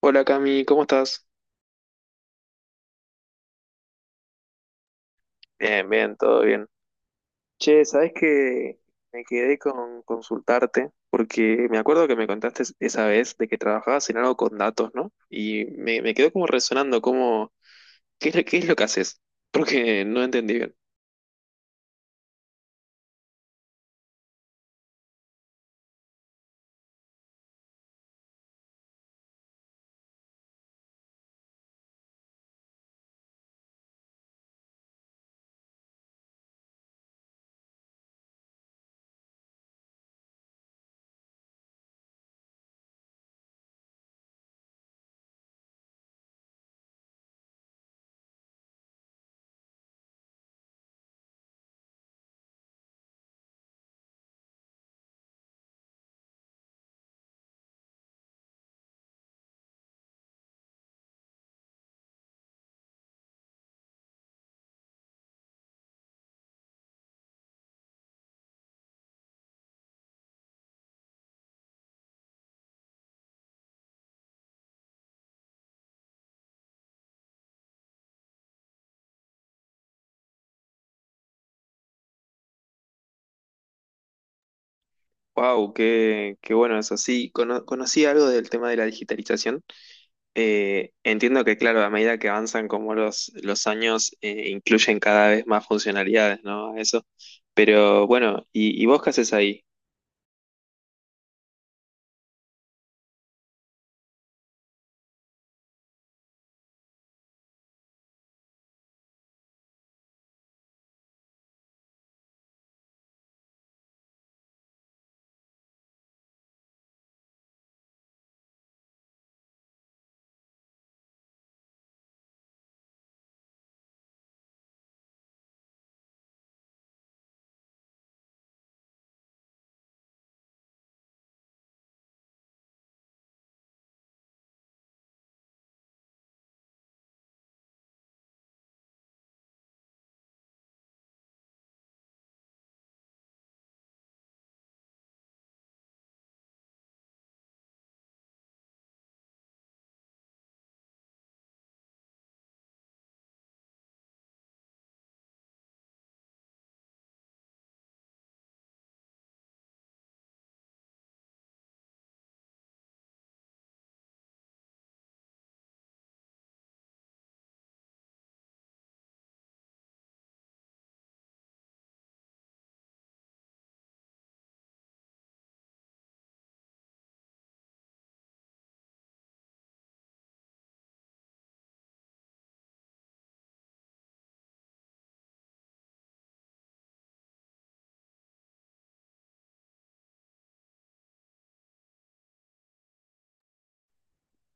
Hola Cami, ¿cómo estás? Bien, bien, todo bien. Che, ¿sabés que me quedé con consultarte porque me acuerdo que me contaste esa vez de que trabajabas en algo con datos, ¿no? Y me quedó como resonando, como, ¿qué es, qué es lo que haces? Porque no entendí bien. Wow, qué, qué bueno eso. Sí, conocí algo del tema de la digitalización. Entiendo que, claro, a medida que avanzan como los años, incluyen cada vez más funcionalidades, ¿no? A eso. Pero bueno, y vos qué haces ahí?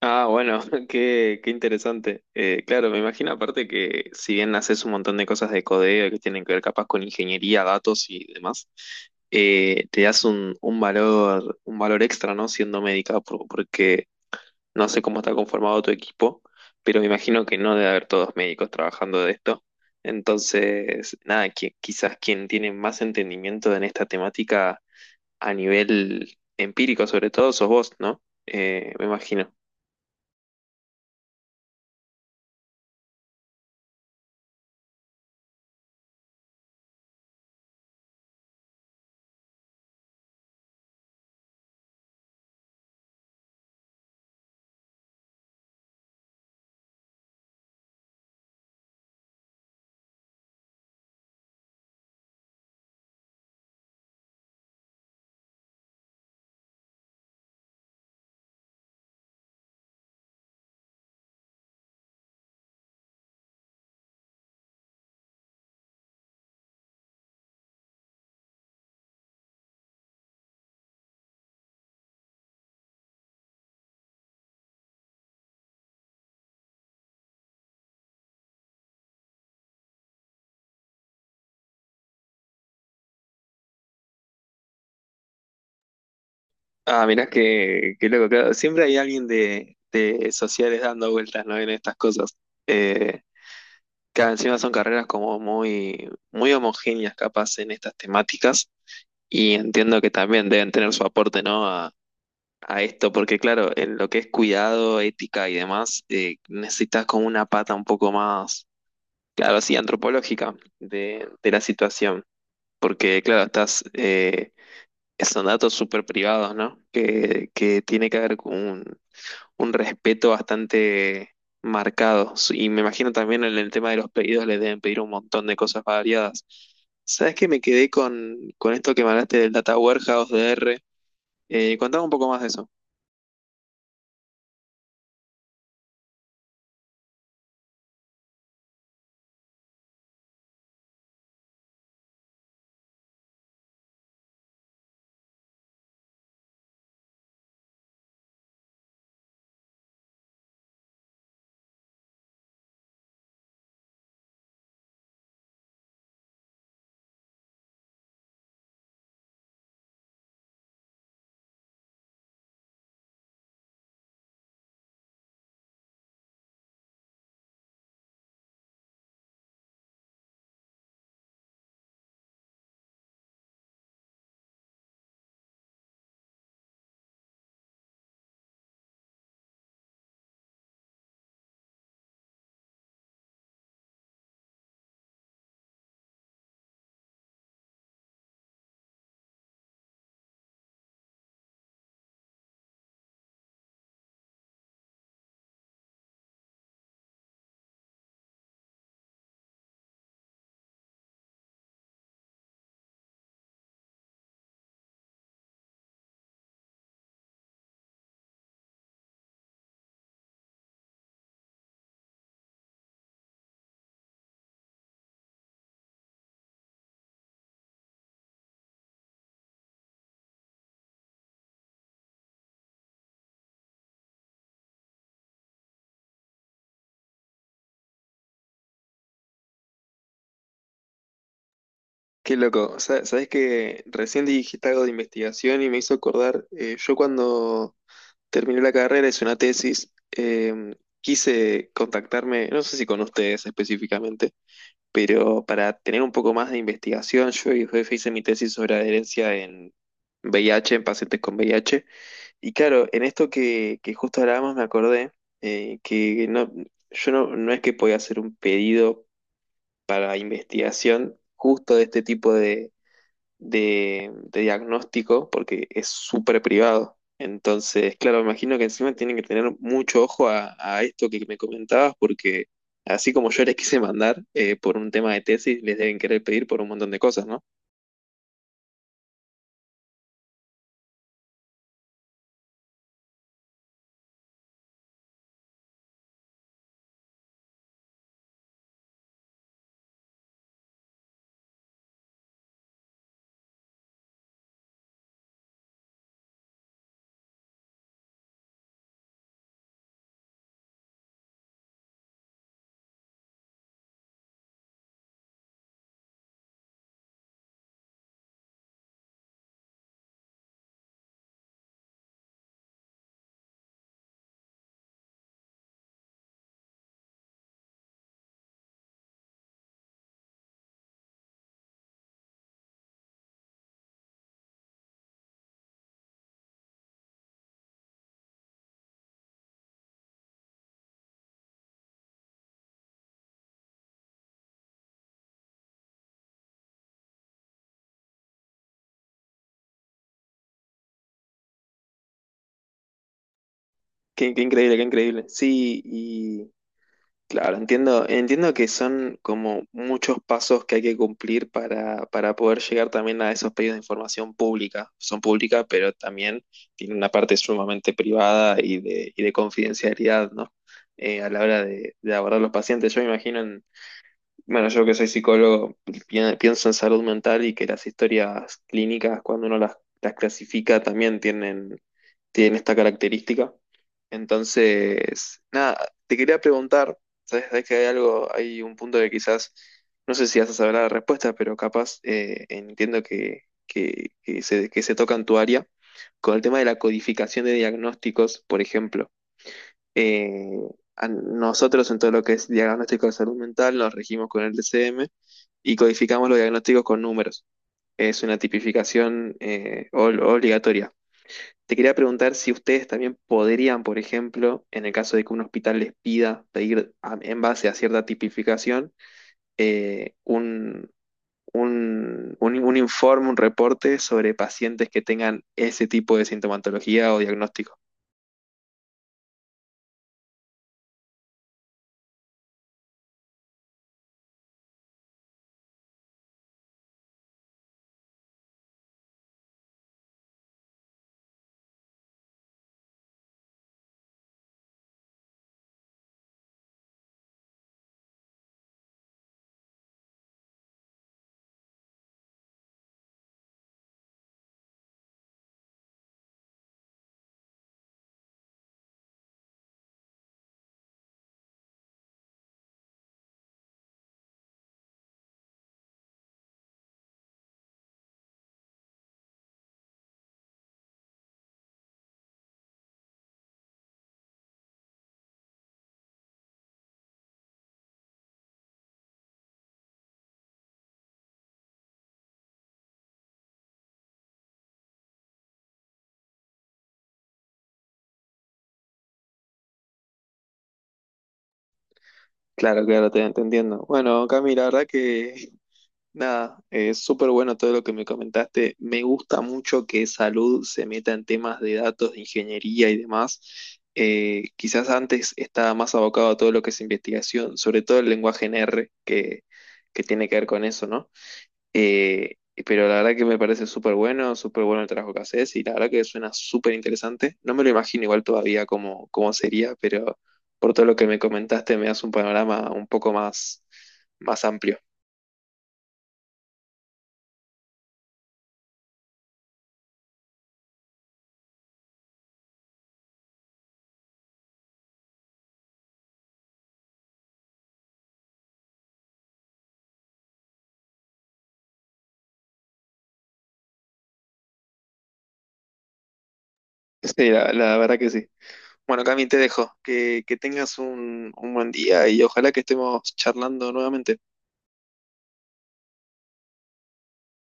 Ah, bueno, qué, qué interesante. Claro, me imagino aparte que si bien haces un montón de cosas de codeo que tienen que ver capaz con ingeniería, datos y demás, te das un valor extra, ¿no? Siendo médica, porque no sé cómo está conformado tu equipo, pero me imagino que no debe haber todos médicos trabajando de esto. Entonces, nada, quizás quien tiene más entendimiento en esta temática a nivel empírico, sobre todo, sos vos, ¿no? Me imagino. Ah, mirá que loco, claro, siempre hay alguien de sociales dando vueltas, ¿no? En estas cosas. Eh, claro, encima son carreras como muy, muy homogéneas, capaz, en estas temáticas. Y entiendo que también deben tener su aporte, ¿no? A esto, porque claro, en lo que es cuidado, ética y demás, necesitas como una pata un poco más, claro, así, antropológica de la situación. Porque, claro, estás, son datos súper privados, ¿no? Que tiene que haber con un respeto bastante marcado. Y me imagino también en el tema de los pedidos les deben pedir un montón de cosas variadas. ¿Sabes qué? Me quedé con esto que me hablaste del Data Warehouse de R. Contame un poco más de eso. Qué loco. ¿Sabes que recién dijiste algo de investigación y me hizo acordar? Yo cuando terminé la carrera hice una tesis. Quise contactarme, no sé si con ustedes específicamente, pero para tener un poco más de investigación, yo y jefe hice mi tesis sobre adherencia en VIH, en pacientes con VIH. Y claro, en esto que justo hablábamos me acordé que no, yo no, no es que podía hacer un pedido para investigación justo de este tipo de diagnóstico porque es súper privado. Entonces, claro, me imagino que encima tienen que tener mucho ojo a esto que me comentabas porque así como yo les quise mandar por un tema de tesis, les deben querer pedir por un montón de cosas, ¿no? Qué, qué increíble, qué increíble. Sí, claro, entiendo, entiendo que son como muchos pasos que hay que cumplir para poder llegar también a esos pedidos de información pública. Son públicas, pero también tienen una parte sumamente privada y de confidencialidad, ¿no? A la hora de abordar los pacientes. Yo me imagino en, bueno, yo que soy psicólogo, pienso en salud mental y que las historias clínicas, cuando uno las clasifica, también tienen, tienen esta característica. Entonces, nada, te quería preguntar, ¿sabés que hay algo, hay un punto que quizás, no sé si vas a saber la respuesta, pero capaz entiendo que se toca en tu área, con el tema de la codificación de diagnósticos, por ejemplo? Eh, a nosotros en todo lo que es diagnóstico de salud mental nos regimos con el DCM y codificamos los diagnósticos con números. Es una tipificación obligatoria. Te quería preguntar si ustedes también podrían, por ejemplo, en el caso de que un hospital les pida pedir en base a cierta tipificación, un, un informe, un reporte sobre pacientes que tengan ese tipo de sintomatología o diagnóstico. Claro, claro, te entiendo. Bueno, Cami, la verdad que nada, es súper bueno todo lo que me comentaste. Me gusta mucho que salud se meta en temas de datos, de ingeniería y demás. Quizás antes estaba más abocado a todo lo que es investigación, sobre todo el lenguaje en R, que tiene que ver con eso, ¿no? Eh, pero la verdad que me parece súper bueno el trabajo que haces y la verdad que suena súper interesante. No me lo imagino igual todavía cómo, cómo sería, pero por todo lo que me comentaste me das un panorama un poco más, más amplio. Sí, la la verdad que sí. Bueno, Cami, te dejo. Que tengas un buen día y ojalá que estemos charlando nuevamente.